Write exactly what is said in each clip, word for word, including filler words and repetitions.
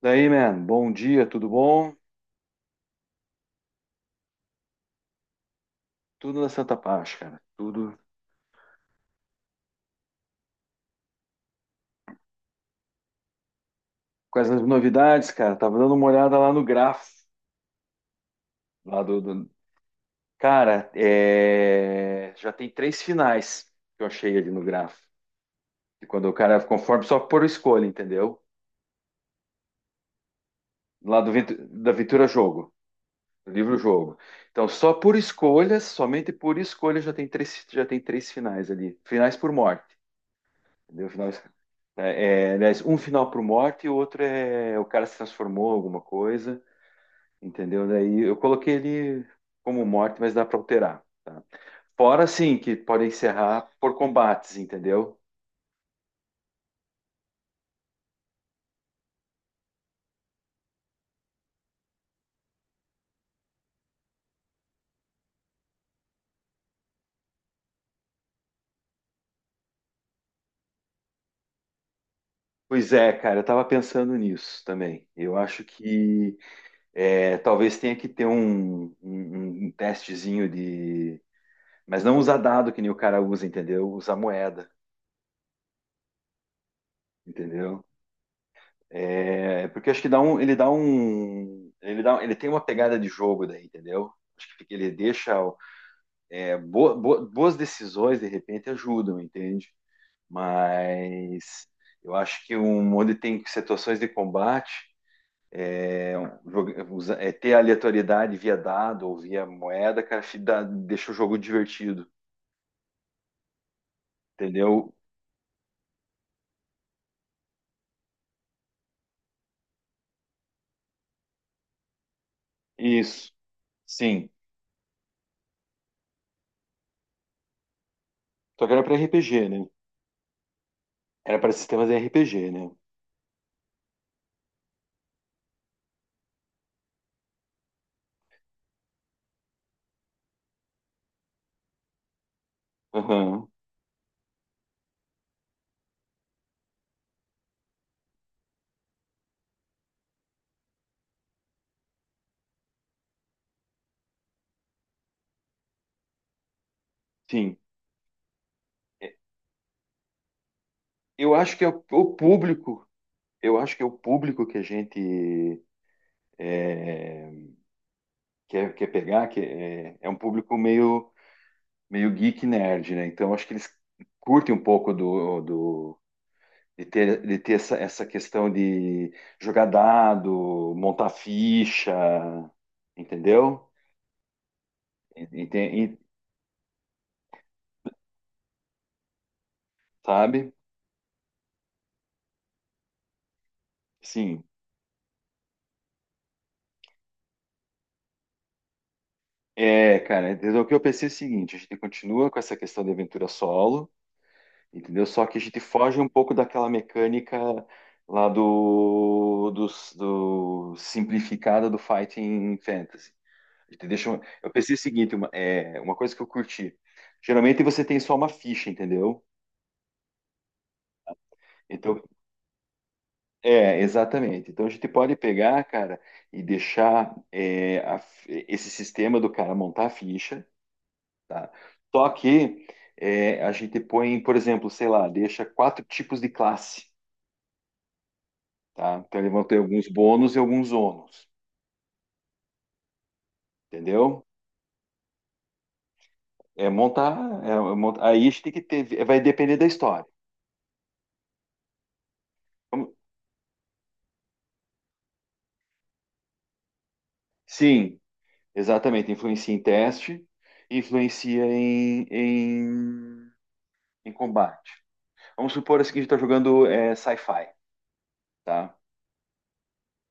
Daí, man, bom dia, tudo bom? Tudo na Santa Paz, cara. Tudo. Quais as novidades, cara? Tava dando uma olhada lá no gráfico, lá do, do- cara, é... já tem três finais que eu achei ali no gráfico. E quando o cara, conforme só por escolha, entendeu? Lá do Ventu- da Ventura Jogo, do livro Jogo. Então, só por escolhas, somente por escolha já tem três, já tem três finais ali. Finais por morte. Entendeu? O final, é, é, aliás, um final para o Morte e o outro é o cara se transformou em alguma coisa, entendeu? Daí eu coloquei ele como Morte, mas dá para alterar, tá? Fora sim que pode encerrar por combates, entendeu? Pois é, cara, eu tava pensando nisso também. Eu acho que é, talvez tenha que ter um, um, um um testezinho de. Mas não usar dado que nem o cara usa, entendeu? Usar moeda, entendeu? É, porque acho que dá um, ele dá um, ele dá, ele tem uma pegada de jogo daí, entendeu? Acho que ele deixa é, boa- boa- boas decisões de repente ajudam, entende? Mas eu acho que um onde tem situações de combate, é, joga- usa- é, ter aleatoriedade via dado ou via moeda, cara, fi- dá- deixa o jogo divertido, entendeu? Isso, sim. Só que era para R P G, né? Era para sistemas de R P G, né? Aham, sim. Eu acho que é o o público, eu acho que é o público que a gente é, quer, quer pegar, que é, é um público meio, meio geek nerd, né? Então acho que eles curtem um pouco do, do de ter, de ter essa, essa questão de jogar dado, montar ficha, entendeu? Ente- e- sabe? Sim. É, cara, então o que eu pensei é o seguinte: a gente continua com essa questão de aventura solo. Entendeu? Só que a gente foge um pouco daquela mecânica lá do, do, do simplificada do Fighting Fantasy. A gente deixa, um- eu pensei o seguinte, uma, é, uma coisa que eu curti. Geralmente você tem só uma ficha, entendeu? Então, é, exatamente. Então a gente pode pegar, cara, e deixar, é, a fi- esse sistema do cara montar a ficha, tá? Só que, é, a gente põe, por exemplo, sei lá, deixa quatro tipos de classe, tá? Então, eles vão ter alguns bônus e alguns ônus, entendeu? É montar, é é montar, aí a gente tem que ter, vai depender da história. Como- Sim, exatamente, influencia em teste, influencia em, em, em combate. Vamos supor assim que a gente está jogando, é, sci-fi, tá?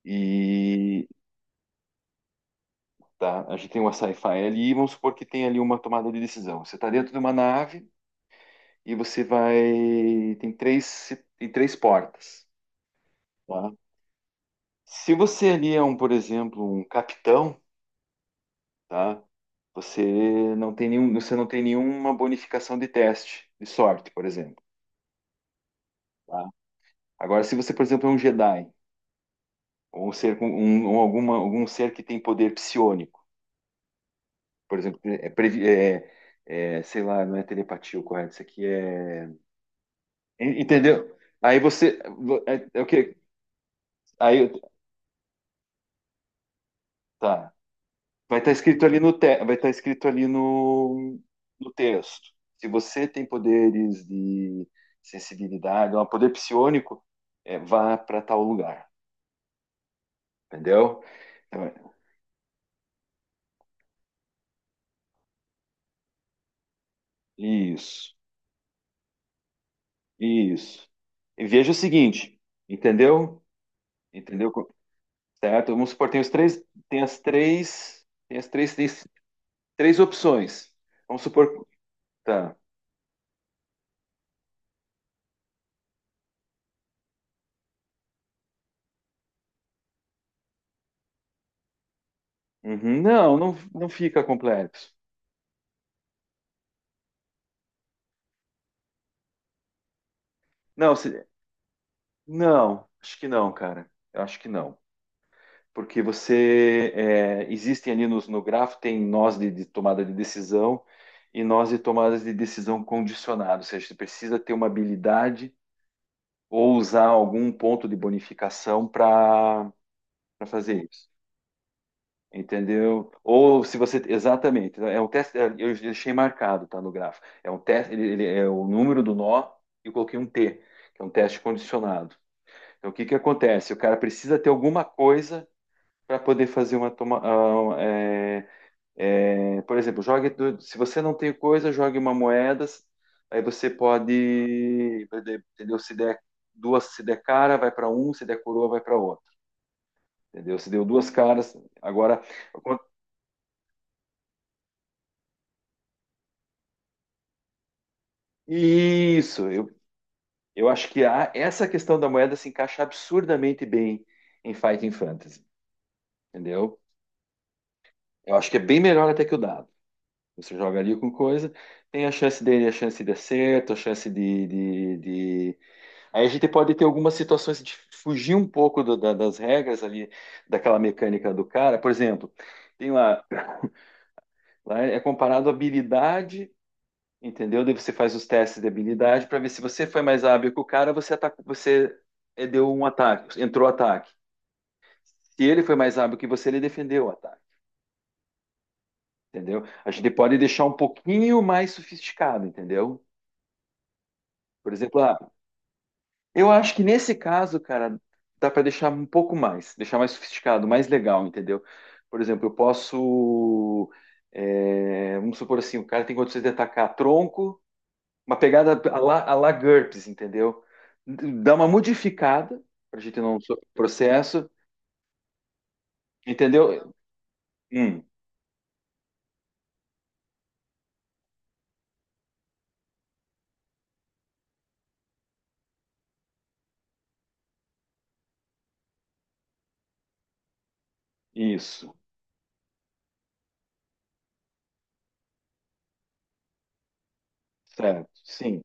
E tá, a gente tem uma sci-fi ali, e vamos supor que tem ali uma tomada de decisão. Você está dentro de uma nave e você vai, tem três, tem três portas, tá? Se você ali é um, por exemplo, um capitão, tá? Você não tem nenhum, você não tem nenhuma bonificação de teste de sorte, por exemplo, tá? Agora, se você, por exemplo, é um Jedi ou um ser com um, ou alguma, algum ser que tem poder psiônico, por exemplo, é, previ- é, é, sei lá, não é telepatia o correto, isso aqui é, en- entendeu? Aí você, vo- é, é o que? Aí, tá. Vai estar escrito ali no te... vai estar escrito ali no... no texto. Se você tem poderes de sensibilidade, é um poder psiônico, é, vá para tal lugar, entendeu? Então, isso, isso. E veja o seguinte, entendeu? Entendeu? co- Certo? Vamos supor, tem os três, tem as três, tem as três, três, três opções. Vamos supor, tá. Uhum. Não, não, não fica complexo. Não, se- não, acho que não, cara. Eu acho que não. Porque você, é, existem ali nos, no grafo, tem nós de, de tomada de decisão e nós de tomadas de decisão condicionado, ou seja, você precisa ter uma habilidade ou usar algum ponto de bonificação para para fazer isso. Entendeu? Ou se você. Exatamente. É um teste. é, Eu deixei marcado, tá no gráfico. É um teste. Ele, ele é o número do nó e eu coloquei um T, que é um teste condicionado. Então, o que que acontece? O cara precisa ter alguma coisa para poder fazer uma toma, ah, é, É, por exemplo, jogue do- se você não tem coisa, jogue uma moeda. Aí você pode, entendeu? Se der duas, se der cara, vai para um, se der coroa, vai para outro. Entendeu? Se deu duas caras, agora isso. Eu, eu acho que a, essa questão da moeda se encaixa absurdamente bem em Fighting Fantasy, entendeu? Eu acho que é bem melhor até que o dado. Você joga ali com coisa, tem a chance dele, a chance de acerto, a chance de, de, Aí a gente pode ter algumas situações de fugir um pouco do- da- das regras ali, daquela mecânica do cara. Por exemplo, tem lá, lá é comparado a habilidade, entendeu? Daí você faz os testes de habilidade para ver se você foi mais hábil que o cara, você atacou, você eh, deu um ataque, entrou ataque. Se ele foi mais hábil que você, ele defendeu o ataque, entendeu? A gente pode deixar um pouquinho mais sofisticado, entendeu? Por exemplo, ah, eu acho que nesse caso, cara, dá para deixar um pouco mais, deixar mais sofisticado, mais legal, entendeu? Por exemplo, eu posso, é, vamos supor assim, o cara tem condições de atacar tronco, uma pegada a la, a la GURPS, entendeu? Dá uma modificada para a gente não so- processo, entendeu? Hum, isso, certo? Sim,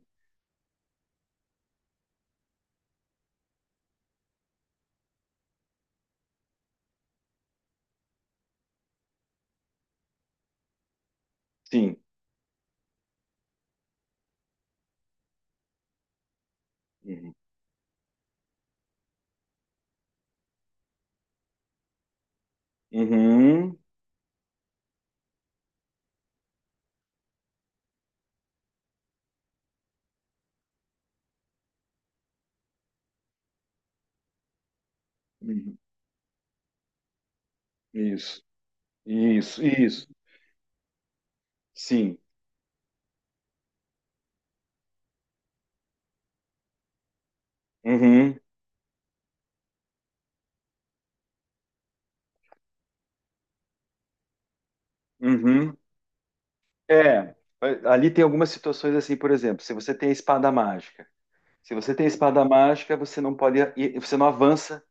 sim. Uhum, uhum, uhum, isso, isso, isso. Sim. Uhum, uhum. É, ali tem algumas situações assim, por exemplo, se você tem a espada mágica, se você tem a espada mágica, você não pode, e você não avança,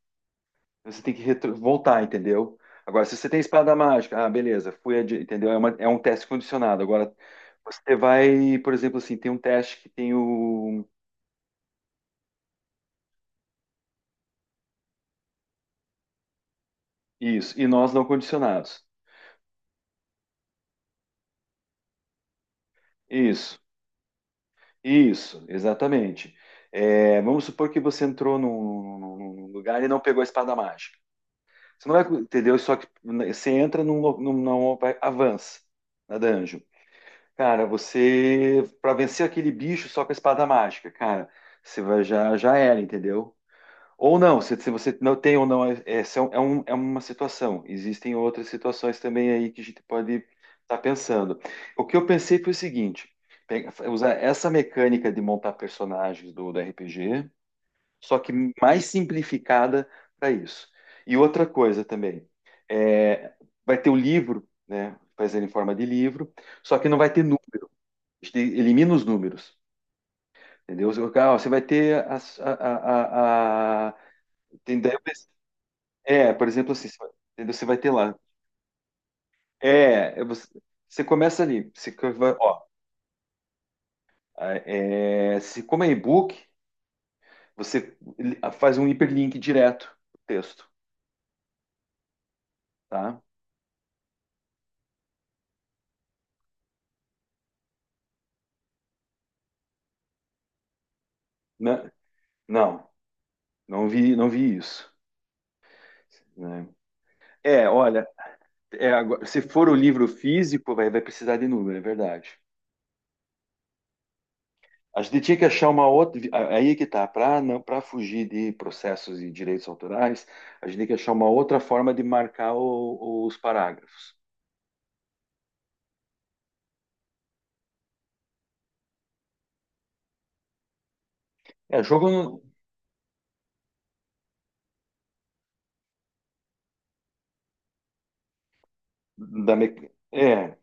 você tem que retro- voltar, entendeu? Agora, se você tem a espada mágica, ah, beleza, fui, adi- entendeu? É, uma- é um teste condicionado. Agora, você vai, por exemplo, assim, tem um teste que tem o isso e nós não condicionados. Isso, isso, exatamente. É, vamos supor que você entrou num, num- num lugar e não pegou a espada mágica. Você não vai, entendeu? Só que né, você entra num, lo- num, num vai- avança na dungeon. Cara, você para vencer aquele bicho só com a espada mágica, cara, você vai já já era, entendeu? Ou não, se, se você não tem ou não, é, é, são- é um- é uma situação. Existem outras situações também aí que a gente pode estar pensando. O que eu pensei foi o seguinte: pe- usar essa mecânica de montar personagens do do R P G só que mais simplificada para isso. E outra coisa também, é, vai ter o livro, né, fazendo em forma de livro, só que não vai ter número, a gente elimina os números, entendeu? Ah, você vai ter as- a, a, a, a- tem daí- é, por exemplo, assim, entendeu? Você vai ter lá, é, é você, você começa ali, você co- vai, ó, é, se como é e-book, você faz um hiperlink direto pro texto, tá? Não, não. Não vi, não vi isso. Né? É, olha, é, agora, se for o livro físico, vai, vai precisar de número, é verdade. A gente tinha que achar uma outra. Aí é que tá, para não, para fugir de processos e direitos autorais, a gente tem que achar uma outra forma de marcar o- os parágrafos. É, jogo no- da me- é,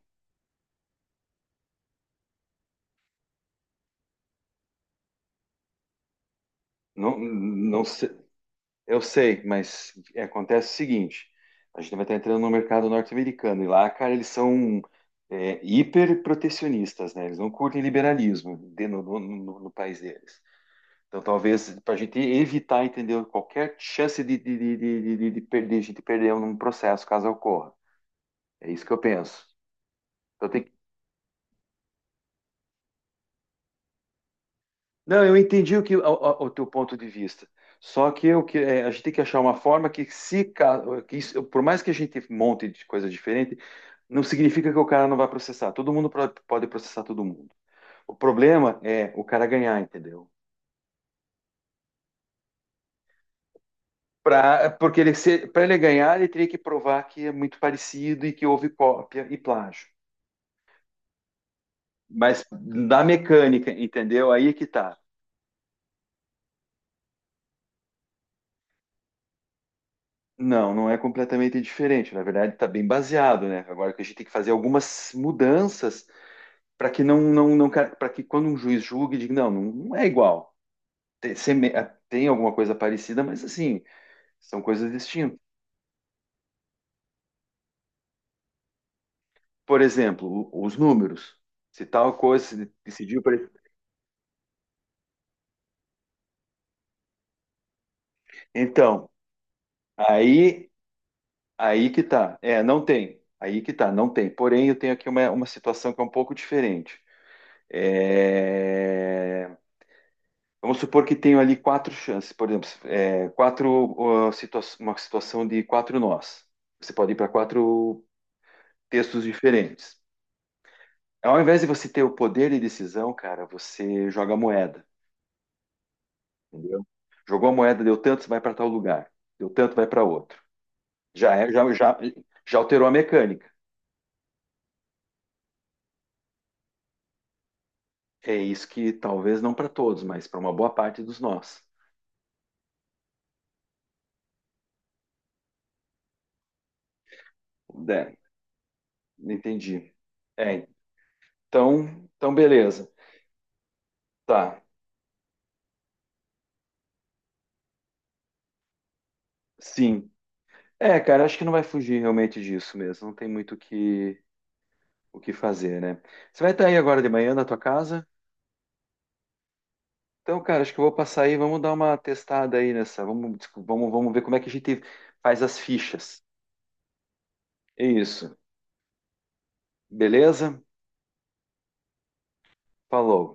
não, não sei. Eu sei, mas acontece o seguinte: a gente vai estar entrando no mercado norte-americano e lá, cara, eles são, é, hiper protecionistas, né? Eles não curtem liberalismo de- no, no- no- no país deles. Então, talvez para a gente evitar, entendeu, qualquer chance de, de, de, de, de, de, de perder, de gente perder um processo caso ocorra. É isso que eu penso. Então, tem. Não, eu entendi o que o, o- o teu ponto de vista. Só que eu que é, a gente tem que achar uma forma que se ca- que isso- por mais que a gente monte de coisa diferente, não significa que o cara não vai processar. Todo mundo pro- pode processar todo mundo. O problema é o cara ganhar, entendeu? Pra, porque ele para ele ganhar, ele teria que provar que é muito parecido e que houve cópia e plágio. Mas da mecânica, entendeu? Aí é que tá. Não, não é completamente diferente. Na verdade, está bem baseado, né? Agora que a gente tem que fazer algumas mudanças para que não, não, não para que quando um juiz julgue, diga, não, não, não é igual. Tem, seme- tem alguma coisa parecida, mas assim, são coisas distintas. Por exemplo, o- os números. Se tal coisa se decidiu por... Então, aí, aí que tá. É, não tem. Aí que tá, não tem. Porém, eu tenho aqui uma, uma situação que é um pouco diferente. É, vamos supor que tenho ali quatro chances, por exemplo, é, quatro, ó, situa- uma situação de quatro nós. Você pode ir para quatro textos diferentes. Ao invés de você ter o poder de decisão, cara, você joga a moeda, entendeu? Jogou a moeda, deu tanto, você vai para tal lugar. Deu tanto, vai para outro. Já é, já, já, já alterou a mecânica. É isso que talvez não para todos, mas para uma boa parte dos nós. É, entendi. É, então, então beleza. Tá. Sim. É, cara, acho que não vai fugir realmente disso mesmo. Não tem muito o que o que fazer, né? Você vai estar aí agora de manhã na tua casa? Então, cara, acho que eu vou passar aí, vamos dar uma testada aí nessa, vamos, discu- vamos, vamos ver como é que a gente faz as fichas. É isso, beleza? Falou.